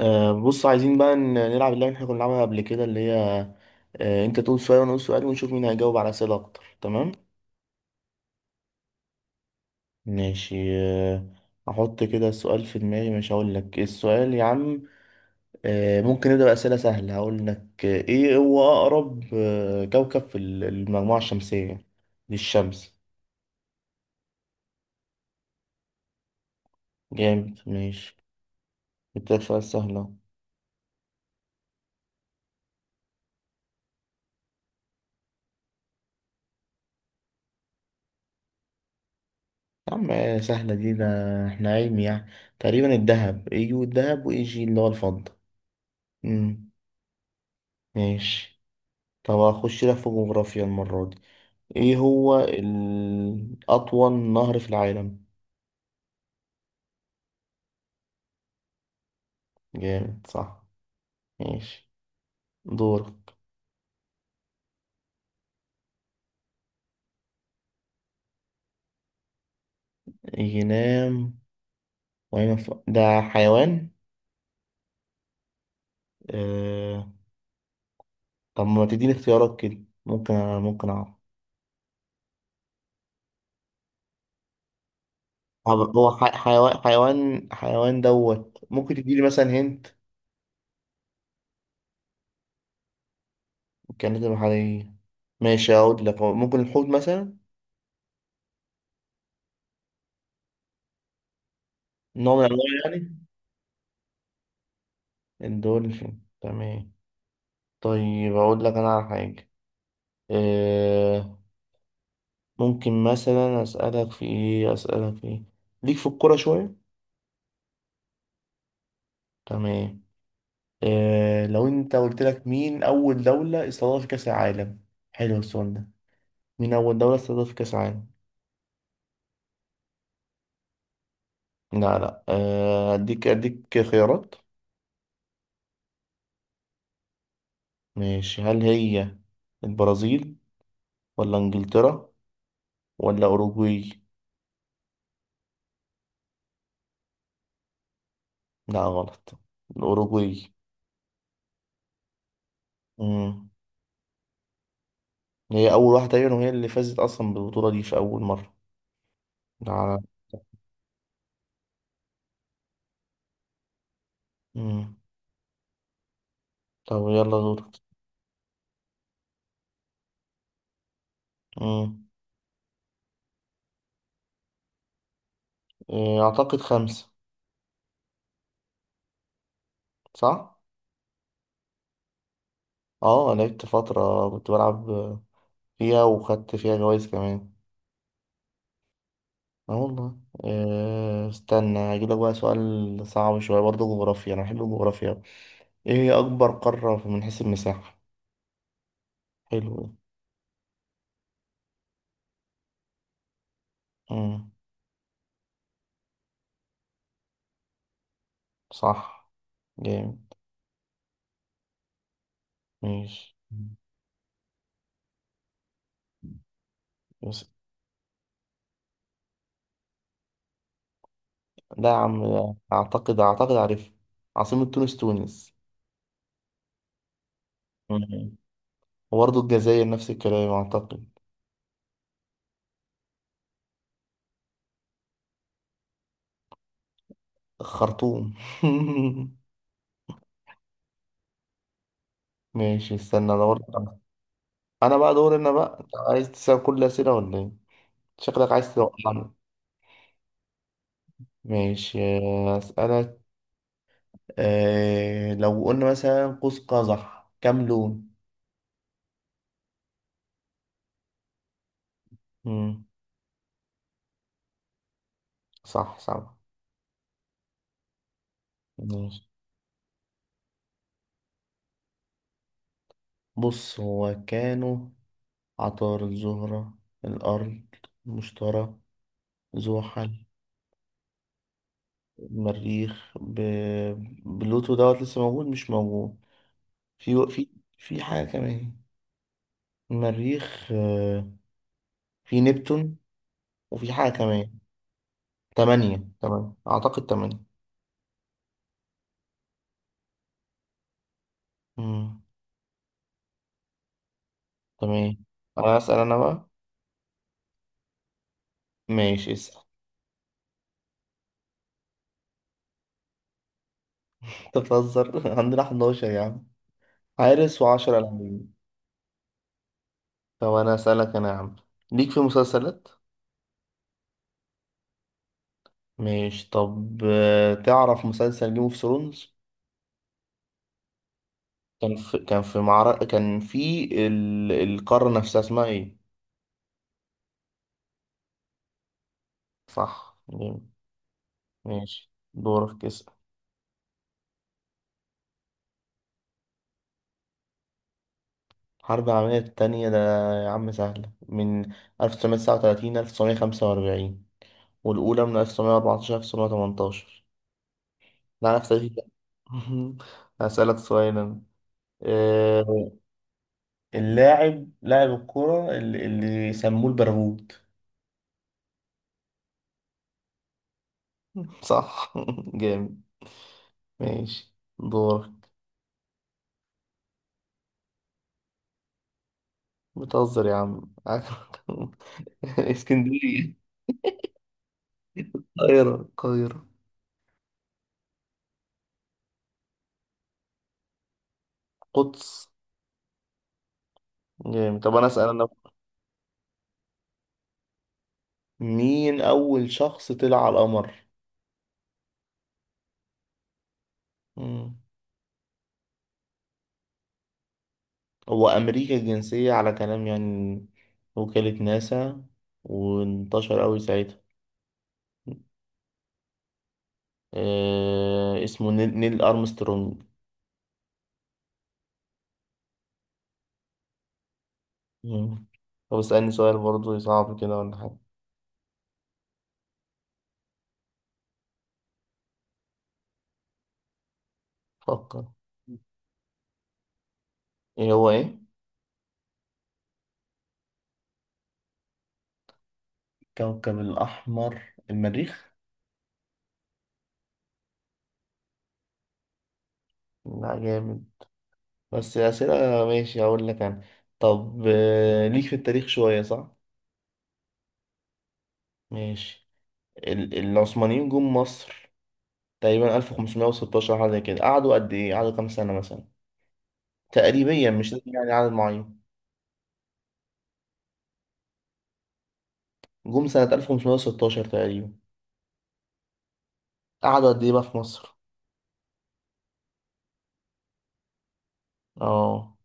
بص عايزين بقى نلعب اللعبة اللي احنا كنا بنلعبها قبل كده اللي هي. انت تقول سؤال وانا اقول سؤال ونشوف مين هيجاوب على اسئلة اكتر. تمام ماشي. آه، احط كده السؤال في دماغي، مش هقول لك إيه السؤال يا عم. ممكن نبدأ بأسئلة سهلة. هقول لك ايه هو اقرب كوكب في المجموعة الشمسية للشمس؟ جامد ماشي. اديتك سؤال سهل اهو. يا عم سهلة دي ده. احنا علمي يعني. تقريبا الدهب يجي الدهب ويجي اللي هو الفضة. مم، ماشي. طب هخش لك في جغرافيا المرة دي. ايه هو أطول نهر في العالم؟ جامد صح. ماشي دورك. ينام وأين ده حيوان. آه... طب ما تديني اختيارات كده، ممكن أعرف. طب هو حيوان دوت، ممكن تديلي مثلا هنت. كانت بحرية. ماشي أقول لك هو ممكن الحوت مثلا. نوع من أنواع يعني. الدولفين تمام. طيب أقول لك أنا على حاجة. آه. ممكن مثلا أسألك في إيه، أسألك في إيه. ليك في الكورة شوية. تمام. لو أنت قلت لك: مين أول دولة استضافت كأس العالم؟ حلو السؤال ده. مين أول دولة استضافت كأس العالم؟ لا لا، أديك خيارات. ماشي، هل هي البرازيل، ولا إنجلترا، ولا أوروجواي؟ لا غلط. الأوروجواي. مم. هي أول واحدة تقريبا، وهي اللي فازت أصلا بالبطولة دي في أول مرة على. مم. طب يلا دورك. مم. أعتقد خمسة. صح؟ اه لعبت فترة كنت بلعب فيها، وخدت فيها جوايز كمان. اه والله. استنى هجيلك بقى سؤال صعب شوية برضه جغرافيا، أنا بحب الجغرافيا أوي. ايه هي أكبر قارة من حيث المساحة؟ حلو ده. مم، صح جامد. ماشي بس. لا يا عم لا. أعتقد عارف. عاصمة تونس تونس. مم. وبرضه الجزائر نفس الكلام أعتقد. الخرطوم. ماشي استنى انا برضه. انا بقى دور، انا بقى. أنت عايز تسال كل الاسئله ولا ايه؟ شكلك عايز توقعني. ماشي اسالك. لو قلنا مثلا قوس قزح كام لون؟ مم. صح صح. ماشي. بص هو كانوا: عطارد، الزهرة، الأرض، المشتري، زحل، المريخ، بلوتو دوت لسه موجود مش موجود. في في في حاجة كمان، المريخ، في نبتون، وفي حاجة كمان. تمانية، تمانية أعتقد تمانية. مم. تمام. أنا أسأل أنا بقى. ماشي اسأل. أنت بتهزر. عندنا 11 يا عم، حارس و10 لاعبين. طب أنا أسألك أنا يا عم، ليك في مسلسلات؟ ماشي طب، تعرف مسلسل جيم اوف ثرونز؟ كان في معركة، كان في القارة نفسها اسمها ايه؟ صح جامد. ماشي دورك اسأل. الحرب العالمية التانية، ده يا عم سهلة، من 1939 1945، والأولى من 1914 1918. لا نفس تاريخي بقى. هسألك سؤال أنا. آه، لاعب الكرة اللي سموه البرغوت. صح جامد. ماشي دورك. بتهزر يا عم. اسكندرية. القاهرة القاهرة. قدس. جامد. طب أنا أسأل أنا. مين أول شخص طلع على القمر؟ مم. هو أمريكا الجنسية على كلام يعني، وكالة ناسا، وانتشر أوي ساعتها. اسمه نيل أرمسترونج. مم. طب اسألني سؤال برضه صعب كده ولا حاجة. فكر. إيه هو إيه؟ كوكب الأحمر المريخ؟ لا جامد، بس أسئلة. ماشي هقول لك أنا. طب ليك في التاريخ شوية صح؟ ماشي. العثمانيين جم مصر تقريبا 1516، حاجة زي كده. قعدوا قد إيه؟ قعدوا كام سنة مثلا؟ تقريبا مش لازم يعني عدد معين. جم سنة 1516 تقريبا. قعدوا قد إيه بقى في مصر؟ اه.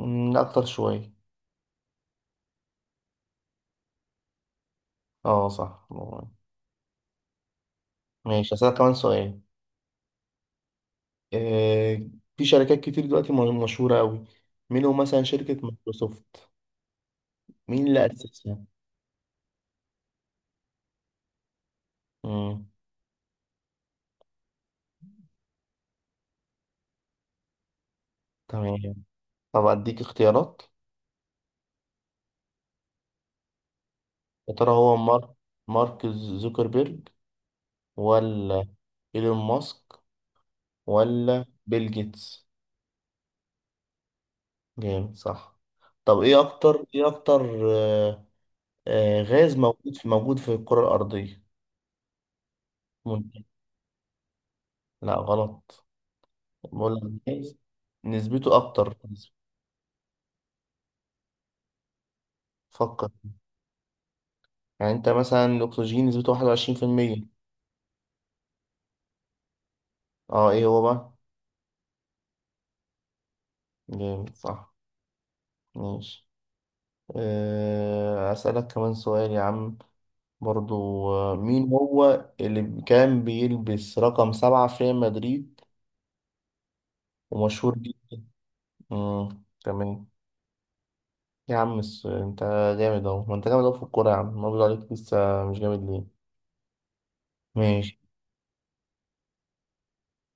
أكتر شوية. اه صح. ماشي هسألك كمان سؤال. آه في شركات كتير دلوقتي مشهورة أوي، منهم مثلا شركة مايكروسوفت. مين اللي أسسها؟ مم. تمام. طب أديك اختيارات. يا ترى هو مارك، مارك زوكربيرج، ولا إيلون ماسك، ولا بيل جيتس؟ جامد صح. طب ايه اكتر. آه، غاز موجود في، الكرة الأرضية. ممكن. لا غلط، بقول لك غاز نسبته اكتر. فكر. يعني انت مثلا الاكسجين نسبته 21%. اه ايه هو بقى؟ جامد صح. ماشي. اسألك كمان سؤال يا عم برضو. مين هو اللي كان بيلبس رقم 7 في ريال مدريد ومشهور جدا؟ مم، تمام. يا عم انت جامد اهو. ما انت جامد اهو في الكورة يا عم، ما بيقول عليك لسه مش جامد ليه؟ ماشي.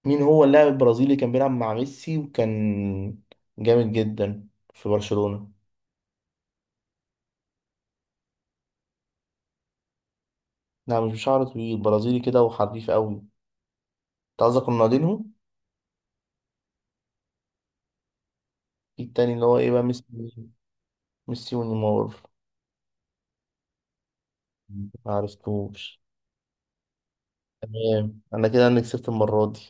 مين هو اللاعب البرازيلي كان بيلعب مع ميسي، وكان جامد جدا في برشلونة؟ لا مش بشعر طويل، برازيلي كده وحريف قوي انت. قصدك رونالدينهو. في التاني اللي هو ايه بقى؟ ميسي. ميسي ونيمار. ما عرفتوش. تمام، انا كده انا كسبت المرة دي.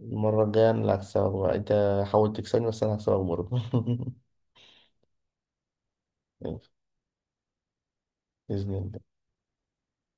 المرة الجاية انا اللي هكسبك بقى انت. حاول تكسبني بس انا هكسبك برضه. بإذن الله.